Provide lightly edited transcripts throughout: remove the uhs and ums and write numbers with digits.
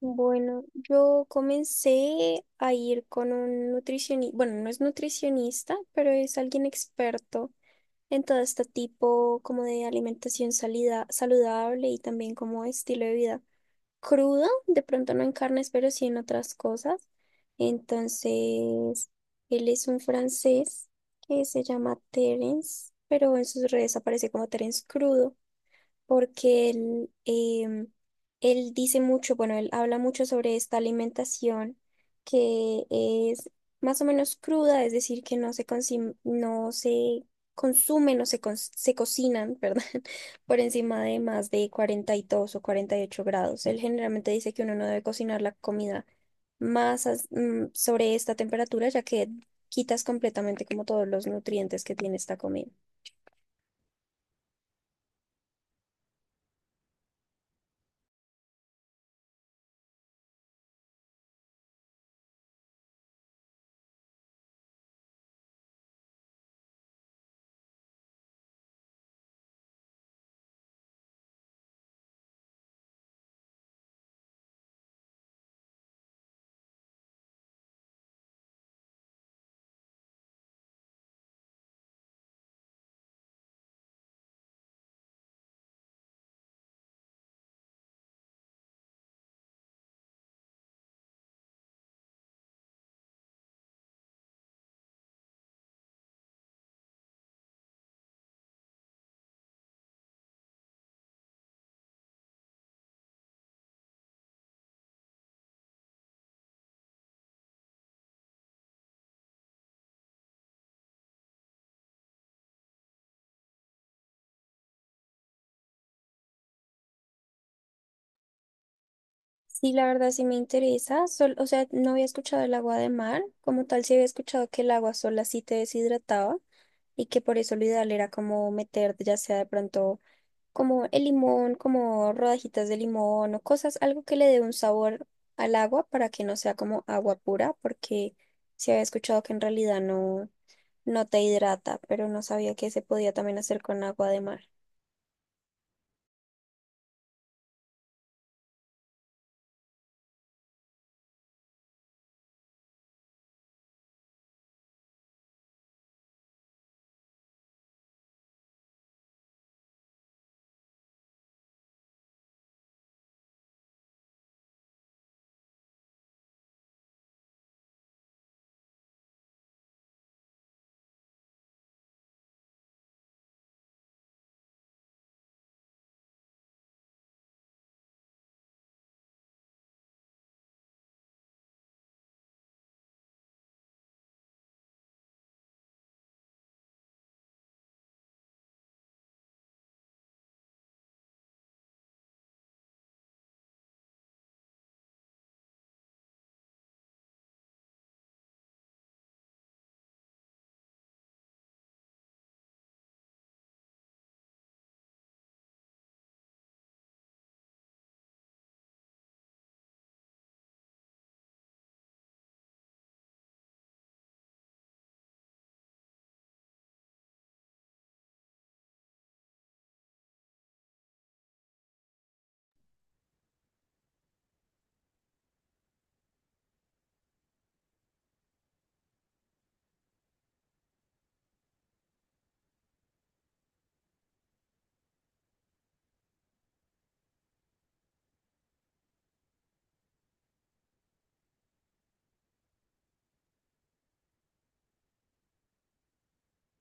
Bueno, yo comencé a ir con un nutricionista, bueno, no es nutricionista, pero es alguien experto en todo este tipo como de alimentación saludable y también como estilo de vida crudo, de pronto no en carnes, pero sí en otras cosas. Entonces, él es un francés que se llama Terence, pero en sus redes aparece como Terence crudo porque él dice mucho, bueno, él habla mucho sobre esta alimentación que es más o menos cruda, es decir, que no se consume, no se, cons- se cocinan, perdón, por encima de más de 42 o 48 grados. Él generalmente dice que uno no debe cocinar la comida sobre esta temperatura, ya que quitas completamente como todos los nutrientes que tiene esta comida. Sí, la verdad sí me interesa. Sol, o sea, no había escuchado el agua de mar. Como tal, sí había escuchado que el agua sola sí te deshidrataba y que por eso lo ideal era como meter, ya sea de pronto como el limón, como rodajitas de limón o cosas, algo que le dé un sabor al agua para que no sea como agua pura, porque sí había escuchado que en realidad no, no te hidrata, pero no sabía que se podía también hacer con agua de mar.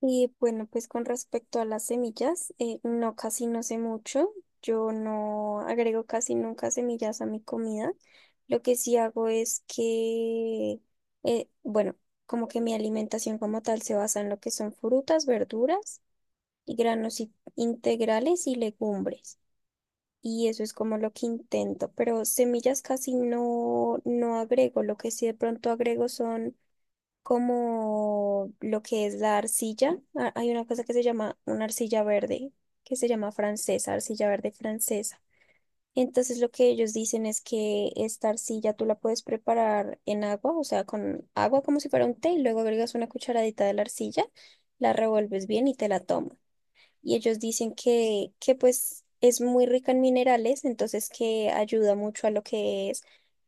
Y bueno, pues con respecto a las semillas, no, casi no sé mucho. Yo no agrego casi nunca semillas a mi comida. Lo que sí hago es que, bueno, como que mi alimentación como tal se basa en lo que son frutas, verduras y granos integrales y legumbres. Y eso es como lo que intento, pero semillas casi no agrego. Lo que sí de pronto agrego son como lo que es la arcilla. Ah, hay una cosa que se llama una arcilla verde, que se llama francesa, arcilla verde francesa. Entonces lo que ellos dicen es que esta arcilla tú la puedes preparar en agua, o sea, con agua como si fuera un té, y luego agregas una cucharadita de la arcilla, la revuelves bien y te la tomas y ellos dicen que pues es muy rica en minerales, entonces que ayuda mucho a lo que es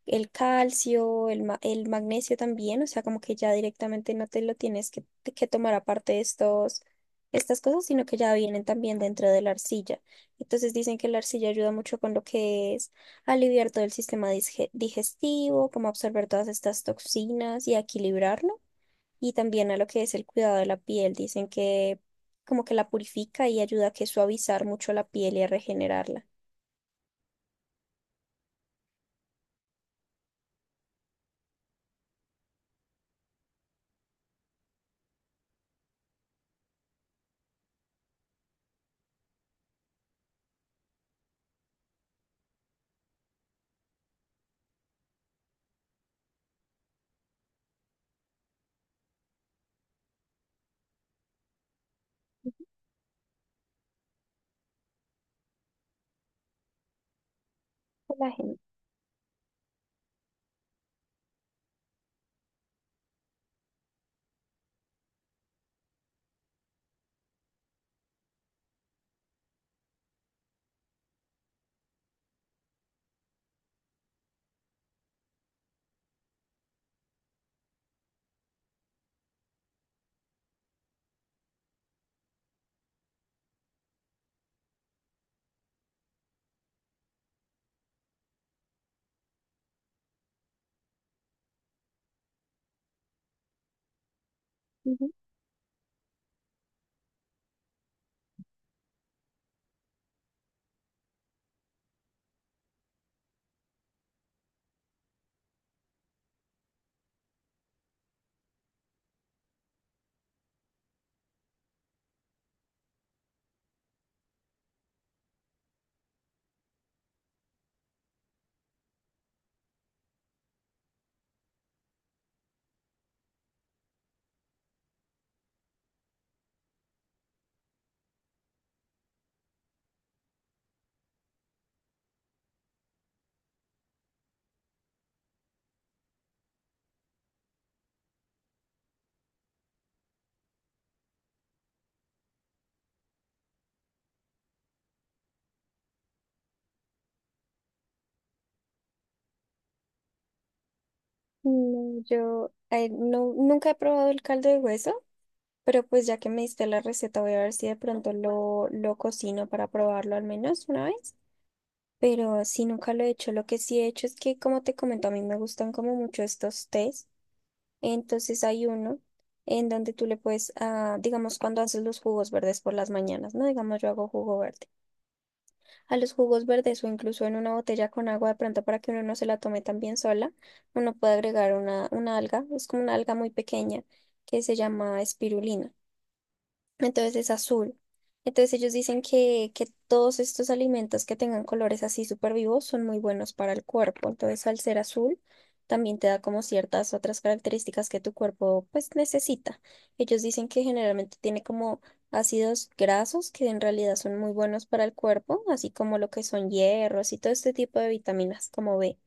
el calcio, el magnesio también, o sea, como que ya directamente no te lo que tomar aparte de estas cosas, sino que ya vienen también dentro de la arcilla. Entonces dicen que la arcilla ayuda mucho con lo que es aliviar todo el sistema digestivo, como absorber todas estas toxinas y a equilibrarlo y también a lo que es el cuidado de la piel. Dicen que como que la purifica y ayuda a que suavizar mucho la piel y a regenerarla. La gente. Ujú. No, yo no, nunca he probado el caldo de hueso, pero pues ya que me diste la receta, voy a ver si de lo cocino para probarlo al menos una vez. Pero si nunca lo he hecho, lo que sí he hecho es que, como te comento, a mí me gustan como mucho estos tés. Entonces hay uno en donde tú le puedes, ah, digamos, cuando haces los jugos verdes por las mañanas, ¿no? Digamos, yo hago jugo verde. A los jugos verdes o incluso en una botella con agua de pronto para que uno no se la tome tan bien sola, uno puede agregar una alga, es como una alga muy pequeña que se llama espirulina entonces es azul. Entonces ellos dicen que todos estos alimentos que tengan colores así súper vivos son muy buenos para el cuerpo. Entonces al ser azul también te da como ciertas otras características que tu cuerpo pues necesita. Ellos dicen que generalmente tiene como ácidos grasos que en realidad son muy buenos para el cuerpo, así como lo que son hierros y todo este tipo de vitaminas como B.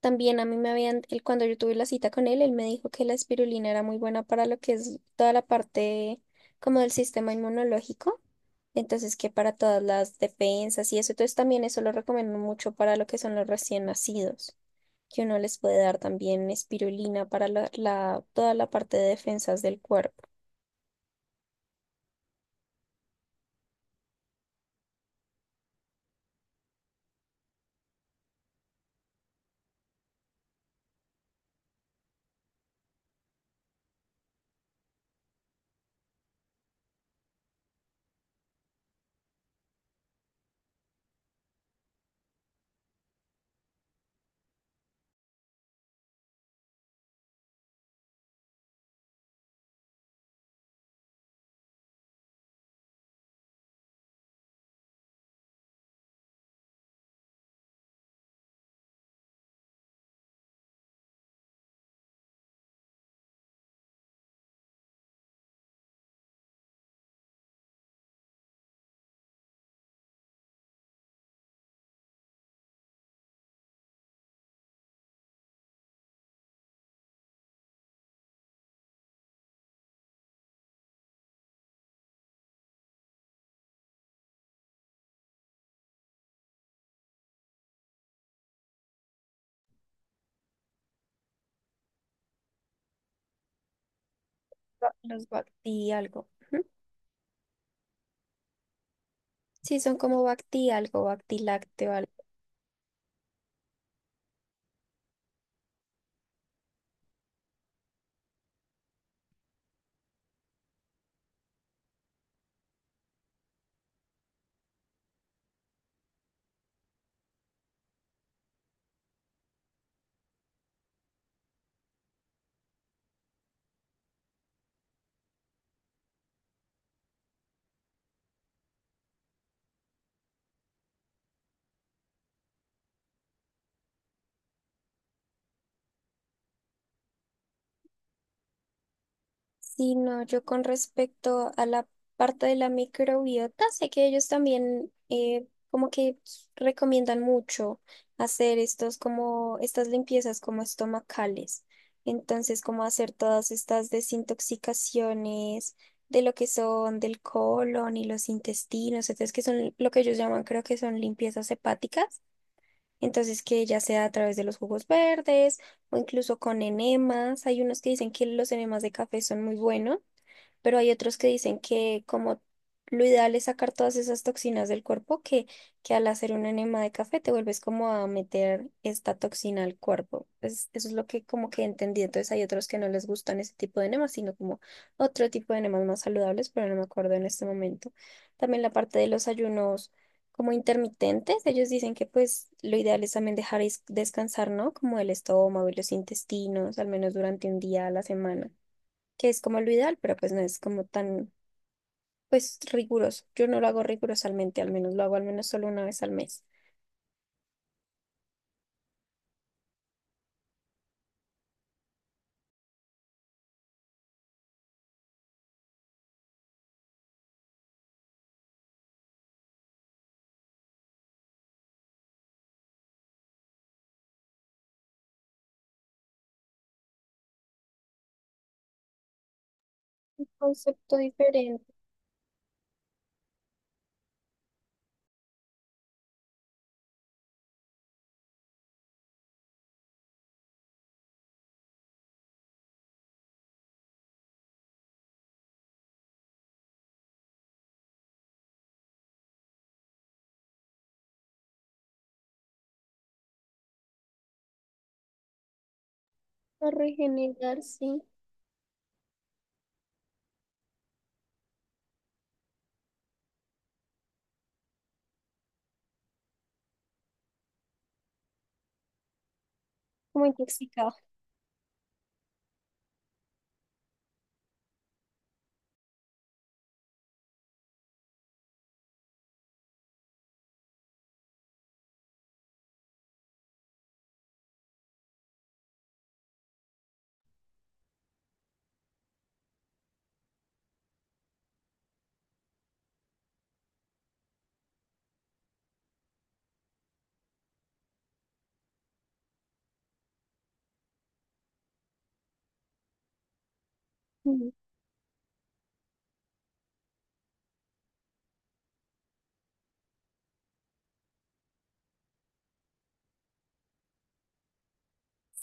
También a mí me habían, él, cuando yo tuve la cita con él, él me dijo que la espirulina era muy buena para lo que es toda la parte como del sistema inmunológico. Entonces, que para todas las defensas y eso. Entonces, también eso lo recomiendo mucho para lo que son los recién nacidos, que uno les puede dar también espirulina para toda la parte de defensas del cuerpo. Los bacti algo. Ujú. Sí, son como bacti, algo, bactilacteo. Sí, no, yo con respecto a la parte de la microbiota, sé que ellos también como que recomiendan mucho hacer estos como estas limpiezas como estomacales. Entonces, como hacer todas estas desintoxicaciones de lo que son del colon y los intestinos, entonces que son lo que ellos llaman, creo que son limpiezas hepáticas. Entonces, que ya sea a través de los jugos verdes o incluso con enemas. Hay unos que dicen que los enemas de café son muy buenos pero hay otros que dicen que como lo ideal es sacar todas esas toxinas del cuerpo, que al hacer un enema de café te vuelves como a meter esta toxina al cuerpo. Eso es lo que como que entendí. Entonces hay otros que no les gustan ese tipo de enemas, sino como otro tipo de enemas más saludables, pero no me acuerdo en este momento. También la parte de los ayunos como intermitentes, ellos dicen que pues lo ideal es también dejar descansar, ¿no? Como el estómago y los intestinos, al menos durante un día a la semana que es como lo ideal, pero pues no es como tan, pues riguroso. Yo no lo hago rigurosamente, al menos lo hago al menos solo una vez al mes. Un concepto diferente, a regenerar, sí, como intoxicado. Ujú.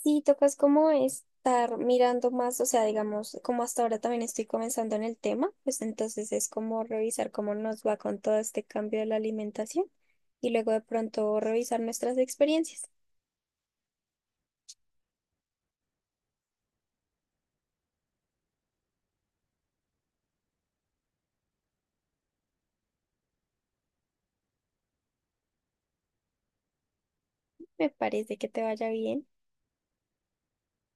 Sí, tocas como estar mirando más, o sea, digamos, como hasta ahora también estoy comenzando en el tema, pues entonces es como revisar cómo nos va con todo este cambio de la alimentación y luego de pronto revisar nuestras experiencias. Me parece que te vaya bien.